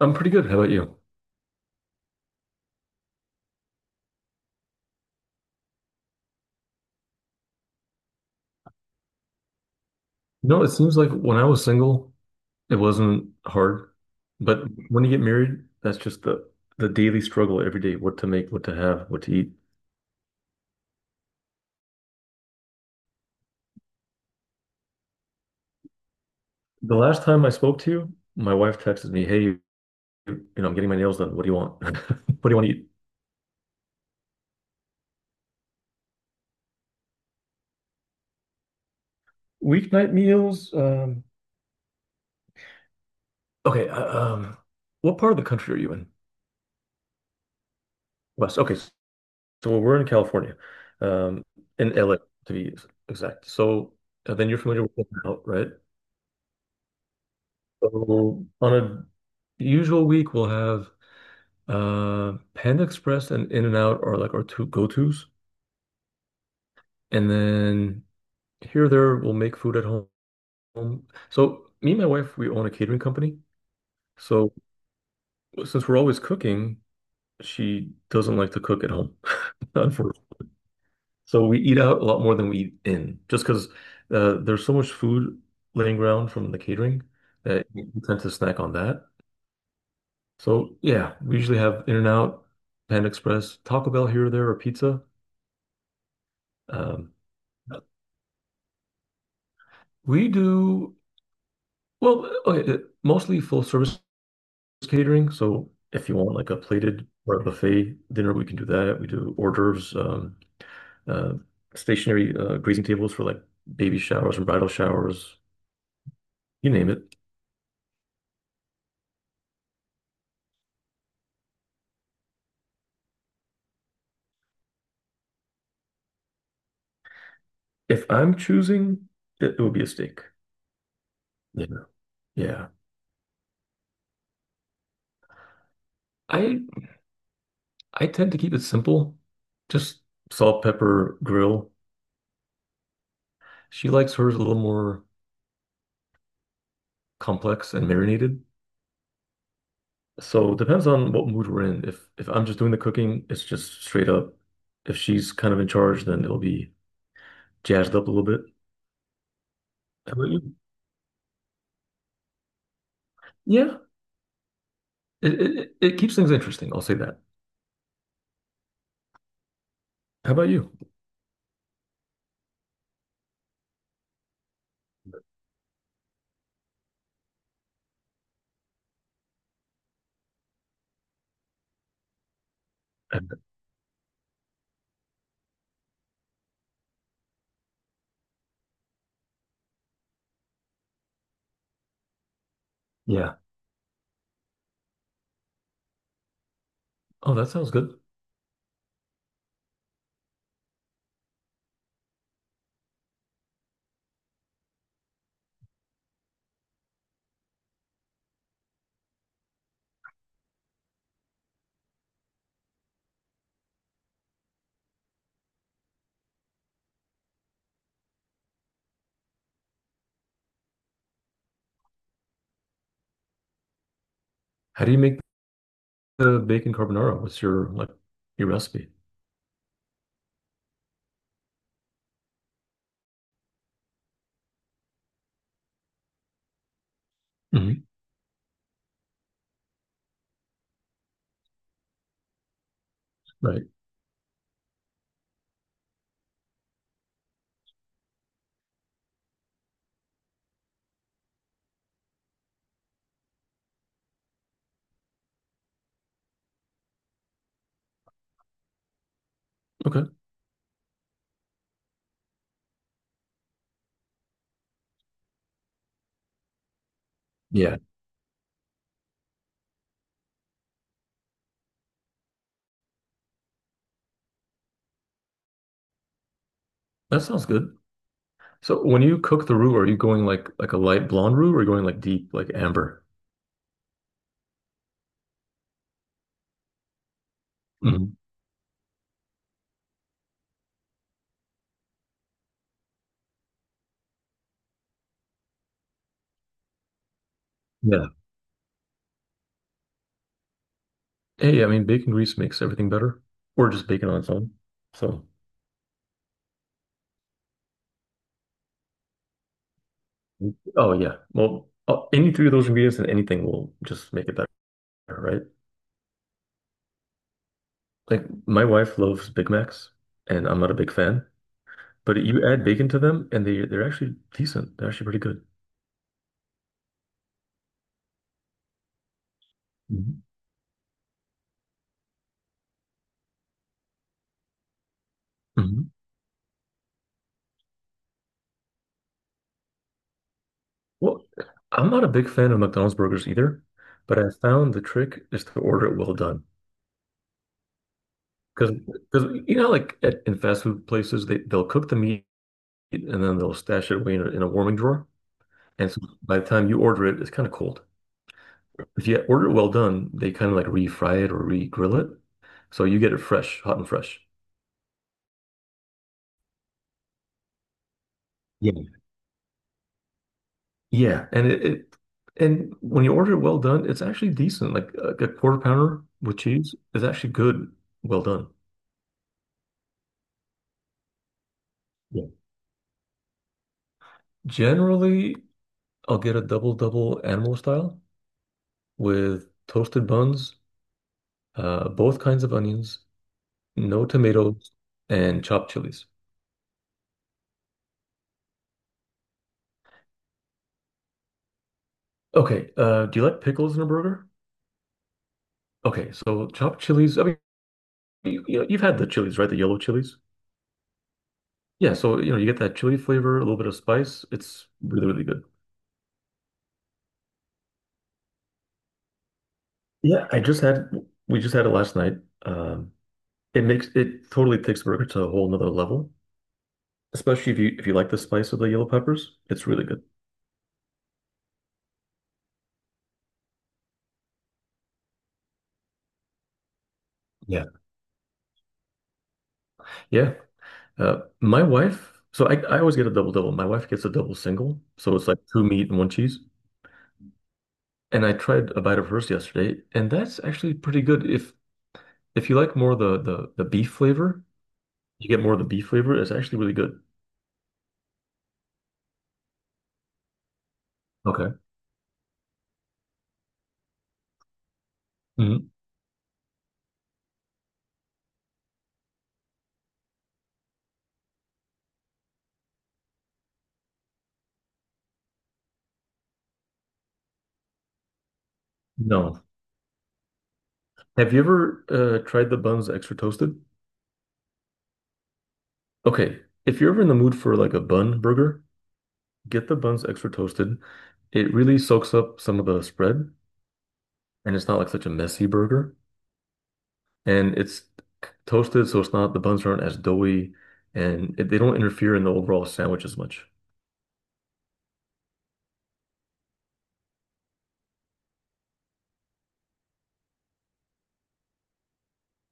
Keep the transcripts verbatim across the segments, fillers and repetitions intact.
I'm pretty good. How about you? No, it seems like when I was single, it wasn't hard. But when you get married, that's just the the daily struggle every day, what to make, what to have, what to eat. The last time I spoke to you, my wife texted me, "Hey, you know, I'm getting my nails done. What do you want? What do you want to eat?" Weeknight meals. Um, okay. Uh, Um, what part of the country are you in? West. Okay. So we're in California, um, in L A to be exact. So uh, then you're familiar with Golden Out, right? So on a usual week, we'll have uh, Panda Express and In-N-Out are like our two go-tos. And then here or there, we'll make food at home. So me and my wife, we own a catering company. So since we're always cooking, she doesn't like to cook at home, unfortunately. So we eat out a lot more than we eat in, just because uh, there's so much food laying around from the catering that we tend to snack on that. So yeah, we usually have In-N-Out, Panda Express, Taco Bell here or there, or pizza. Um, we do well, okay, uh, mostly full service catering. So if you want like a plated or a buffet dinner, we can do that. We do hors d'oeuvres, um, uh, stationary uh, greasing tables for like baby showers and bridal showers, you name it. If I'm choosing, it, it would be a steak. Yeah. Yeah. I I tend to keep it simple, just salt, pepper, grill. She likes hers a little more complex and marinated. So it depends on what mood we're in. If if I'm just doing the cooking, it's just straight up. If she's kind of in charge, then it'll be jazzed up a little bit. How about you? Yeah, it it, it keeps things interesting. I'll say that. How about you? And- Yeah. Oh, that sounds good. How do you make the bacon carbonara? What's your like your recipe? Hmm. Right. Okay. Yeah, that sounds good. So when you cook the roux, are you going like like a light blonde roux or are you going like deep, like amber? Mhm. Yeah. Hey, I mean, bacon grease makes everything better, or just bacon on its own. So, oh yeah, well, uh, any three of those ingredients and anything will just make it better, right? Like my wife loves Big Macs, and I'm not a big fan, but you add bacon to them, and they they're actually decent. They're actually pretty good. Mhm. Mhm. Well, I'm not a big fan of McDonald's burgers either, but I found the trick is to order it well done. Because, because you know, like at, in fast food places, they they'll cook the meat and then they'll stash it away in a, in a warming drawer. And so by the time you order it, it's kind of cold. If you order it well done, they kind of like re-fry it or re-grill it. So you get it fresh, hot and fresh. Yeah. Yeah, and it, it and when you order it well done, it's actually decent. Like a, a quarter pounder with cheese is actually good, well done. Yeah. Generally, I'll get a double double animal style with toasted buns, uh, both kinds of onions, no tomatoes, and chopped chilies. Okay, uh, do you like pickles in a burger? Okay, so chopped chilies. I mean, you, you know, you've had the chilies, right? The yellow chilies. Yeah, so you know, you get that chili flavor, a little bit of spice. It's really, really good. Yeah, I just had we just had it last night. Um, it makes it totally takes the burger to a whole nother level, especially if you if you like the spice of the yellow peppers. It's really good. Yeah. Yeah. Uh, my wife, so I, I always get a double double. My wife gets a double single, so it's like two meat and one cheese. And I tried a bite of hers yesterday, and that's actually pretty good. If if you like more the the the beef flavor, you get more of the beef flavor. It's actually really good. Okay. Hmm. No. Have you ever uh, tried the buns extra toasted? Okay. If you're ever in the mood for like a bun burger, get the buns extra toasted. It really soaks up some of the spread and it's not like such a messy burger. And it's toasted, so it's not, the buns aren't as doughy and it, they don't interfere in the overall sandwich as much.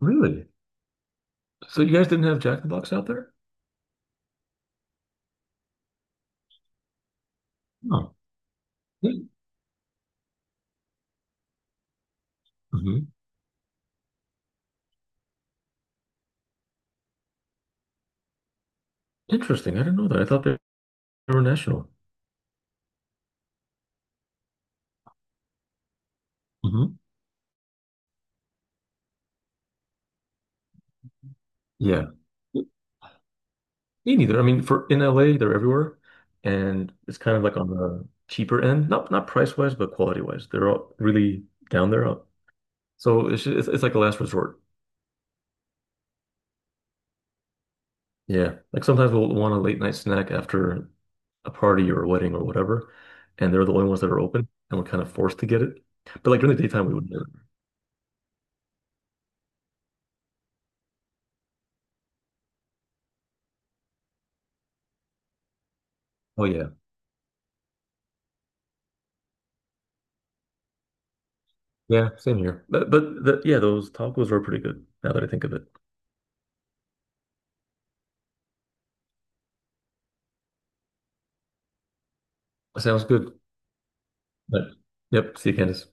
Really? So you guys didn't have Jack in the Box out there? Oh. Hmm. Interesting. I didn't know that. I thought they were national. Hmm. Yeah. Me neither. I mean, for in L A, they're everywhere, and it's kind of like on the cheaper end, not not price wise, but quality wise. They're all really down there. So it's ju- it's, it's like a last resort. Yeah, like sometimes we'll want a late night snack after a party or a wedding or whatever, and they're the only ones that are open, and we're kind of forced to get it. But like during the daytime, we would never. Oh yeah, yeah, same here. But but the, yeah, those tacos are pretty good. Now that I think of it, sounds good. But yep, see you, Candice.